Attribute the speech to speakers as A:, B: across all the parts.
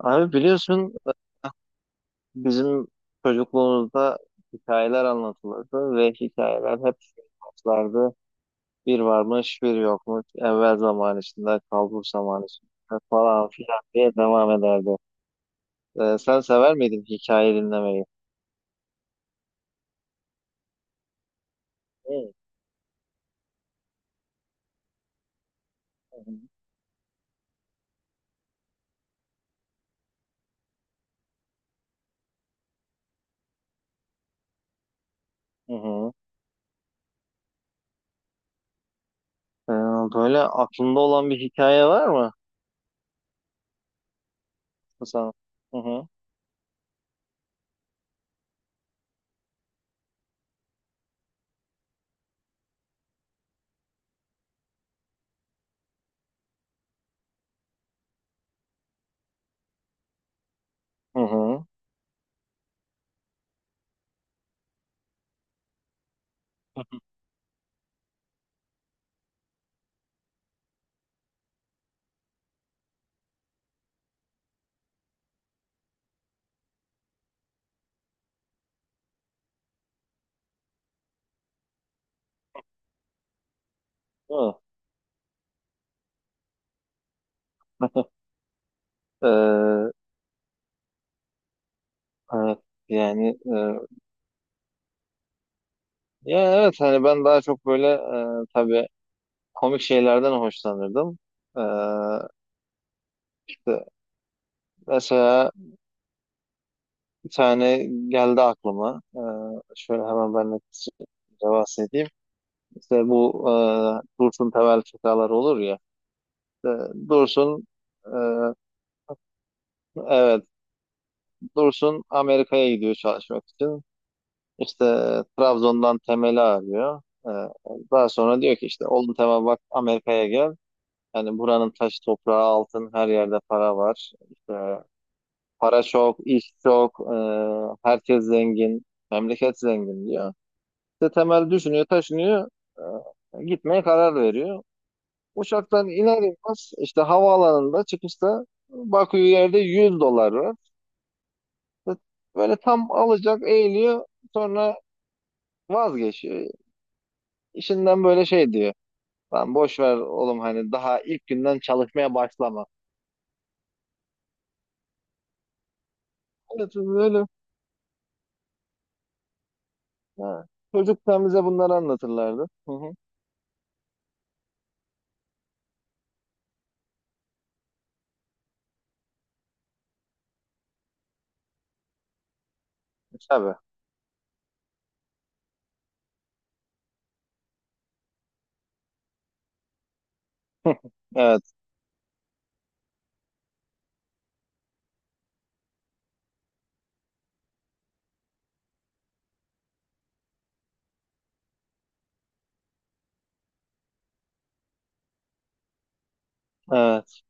A: Abi biliyorsun bizim çocukluğumuzda hikayeler anlatılırdı ve hikayeler hep şunu anlatırlardı. Bir varmış bir yokmuş, evvel zaman içinde kalbur zaman içinde falan filan diye devam ederdi. Sen sever miydin hikaye dinlemeyi? Evet. Hı hı. Hı hı. Ee, Böyle aklında olan bir hikaye var mı sana? Hı hı. Hı hı. Hı. Ee, evet, yani ya evet, hani ben daha çok böyle tabii komik şeylerden hoşlanırdım. Ee, işte mesela bir tane geldi aklıma. Şöyle hemen ben de kısaca bahsedeyim. İşte bu Dursun Tevel şakalar olur ya. İşte Dursun e, evet Dursun Amerika'ya gidiyor çalışmak için. İşte Trabzon'dan Temel'i arıyor. Daha sonra diyor ki, işte oğlum Temel, bak, Amerika'ya gel. Yani buranın taş toprağı altın, her yerde para var. İşte para çok, iş çok, herkes zengin, memleket zengin diyor. İşte Temel düşünüyor, taşınıyor, gitmeye karar veriyor. Uçaktan iner inmez işte havaalanında çıkışta bakıyor, yerde 100 dolar var. İşte böyle tam alacak eğiliyor, sonra vazgeçiyor. İşinden böyle şey diyor: Lan boş ver oğlum, hani daha ilk günden çalışmaya başlama. Evet, öyle. Ha. Çocukken bize bunları anlatırlardı. Hı hı. Tabii. Evet. Evet.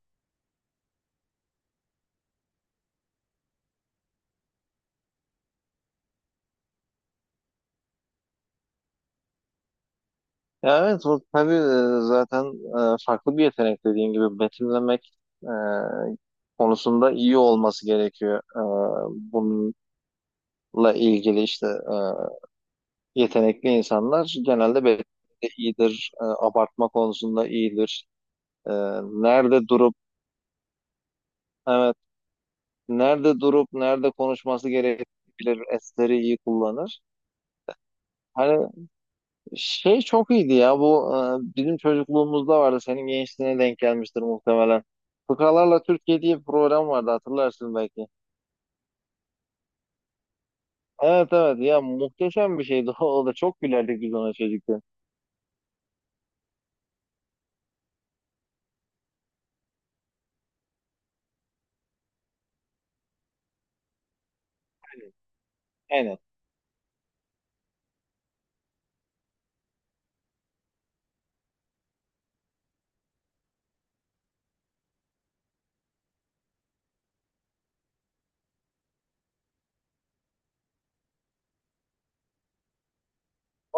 A: Ya evet, o tabii zaten farklı bir yetenek, dediğin gibi betimlemek konusunda iyi olması gerekiyor. Bununla ilgili işte yetenekli insanlar genelde betimlemede iyidir, abartma konusunda iyidir. E, nerede durup evet Nerede durup nerede konuşması gerekir, esleri iyi kullanır. Hani şey çok iyiydi ya, bu bizim çocukluğumuzda vardı, senin gençliğine denk gelmiştir muhtemelen. Fıkralarla Türkiye diye bir program vardı, hatırlarsın belki. Evet, evet, ya muhteşem bir şeydi o da. Çok gülerdik biz ona çocukken. Aynen.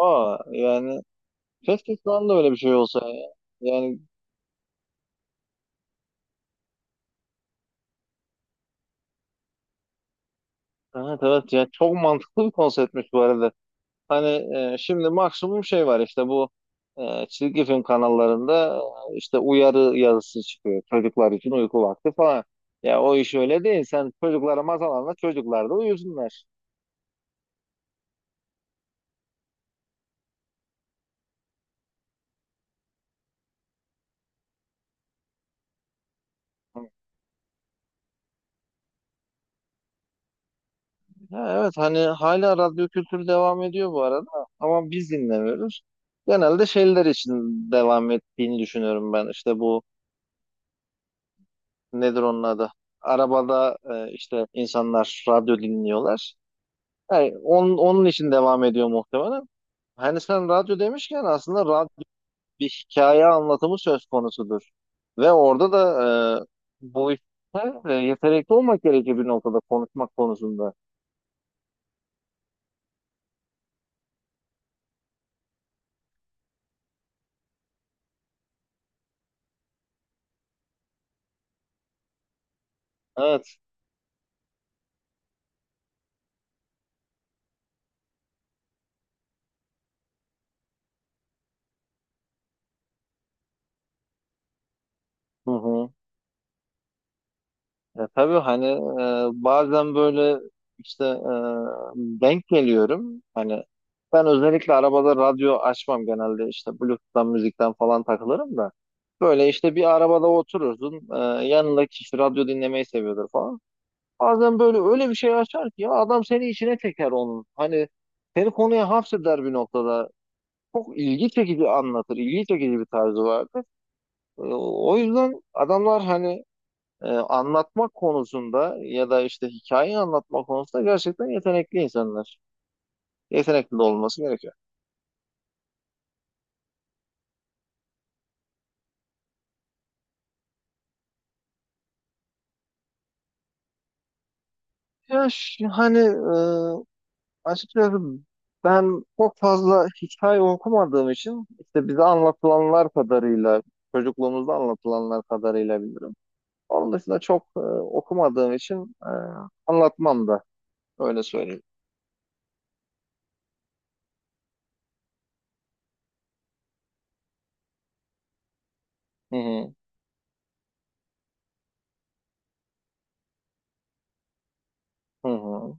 A: O yani, keşke şu anda öyle bir şey olsa ya. Yani evet, evet, ya çok mantıklı bir konseptmiş bu arada. Hani şimdi maksimum şey var işte, bu çizgi film kanallarında işte uyarı yazısı çıkıyor: çocuklar için uyku vakti falan. Ya o iş öyle değil. Sen çocuklara masal anlat, çocuklar da uyusunlar. Ha, evet, hani hala radyo kültürü devam ediyor bu arada, ama biz dinlemiyoruz. Genelde şeyler için devam ettiğini düşünüyorum ben. İşte bu, nedir onun adı? Arabada işte insanlar radyo dinliyorlar. Yani onun için devam ediyor muhtemelen. Hani sen radyo demişken, aslında radyo bir hikaye anlatımı söz konusudur. Ve orada da bu işte yetenekli olmak gerekir bir noktada, konuşmak konusunda. Evet. Hı hı. Ya tabii hani bazen böyle işte denk geliyorum. Hani ben özellikle arabada radyo açmam, genelde işte Bluetooth'tan müzikten falan takılırım da. Böyle işte bir arabada oturursun. Yanındaki kişi radyo dinlemeyi seviyordur falan. Bazen böyle öyle bir şey açar ki ya, adam seni içine çeker onun. Hani seni konuya hapseder bir noktada. Çok ilgi çekici anlatır. İlgi çekici bir tarzı vardır. Ee, O yüzden adamlar hani anlatmak konusunda ya da işte hikayeyi anlatma konusunda gerçekten yetenekli insanlar. Yetenekli de olması gerekiyor. Ya hani açıkçası ben çok fazla hikaye okumadığım için, işte bize anlatılanlar kadarıyla, çocukluğumuzda anlatılanlar kadarıyla bilirim. Onun dışında çok okumadığım için anlatmam da, öyle söyleyeyim. Hı hı. Hı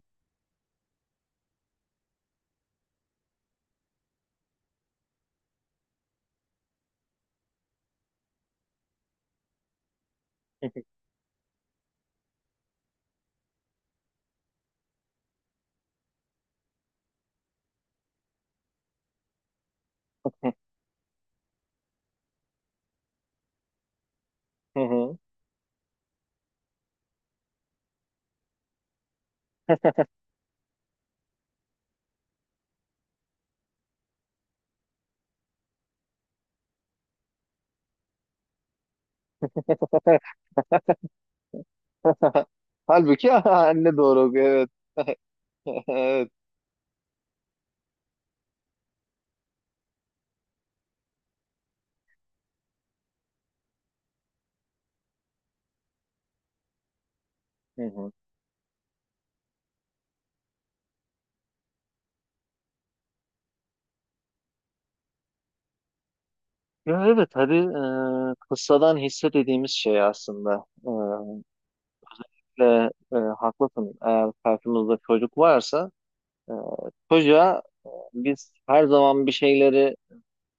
A: hı. Hı hı. Halbuki anne doğru okuyor, evet. Evet. Hı hı. Ya evet, hadi kıssadan hisse dediğimiz şey aslında. Ve haklısın, eğer karşımızda çocuk varsa, e, çocuğa biz her zaman bir şeyleri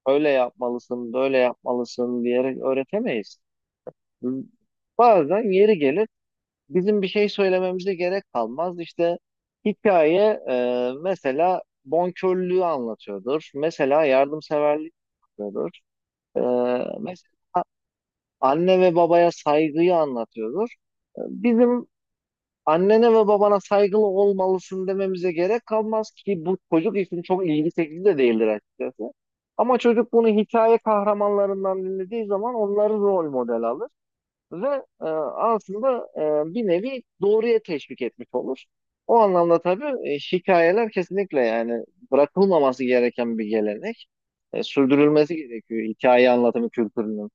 A: "öyle yapmalısın, böyle yapmalısın" diyerek öğretemeyiz. Bazen yeri gelir bizim bir şey söylememize gerek kalmaz. İşte hikaye mesela bonkörlüğü anlatıyordur. Mesela yardımseverlik anlatıyordur. E, mes- Anne ve babaya saygıyı anlatıyordur. Bizim "annene ve babana saygılı olmalısın" dememize gerek kalmaz ki, bu çocuk için çok ilgi çekici de değildir açıkçası. Ama çocuk bunu hikaye kahramanlarından dinlediği zaman onları rol model alır ve e, aslında bir nevi doğruya teşvik etmiş olur. O anlamda tabii şikayeler kesinlikle, yani bırakılmaması gereken bir gelenek. Sürdürülmesi gerekiyor hikaye anlatımı kültürünün.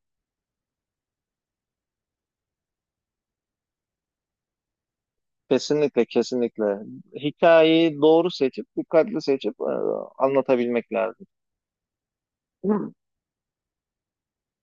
A: Kesinlikle, kesinlikle. Hikayeyi doğru seçip, dikkatli seçip, anlatabilmek lazım.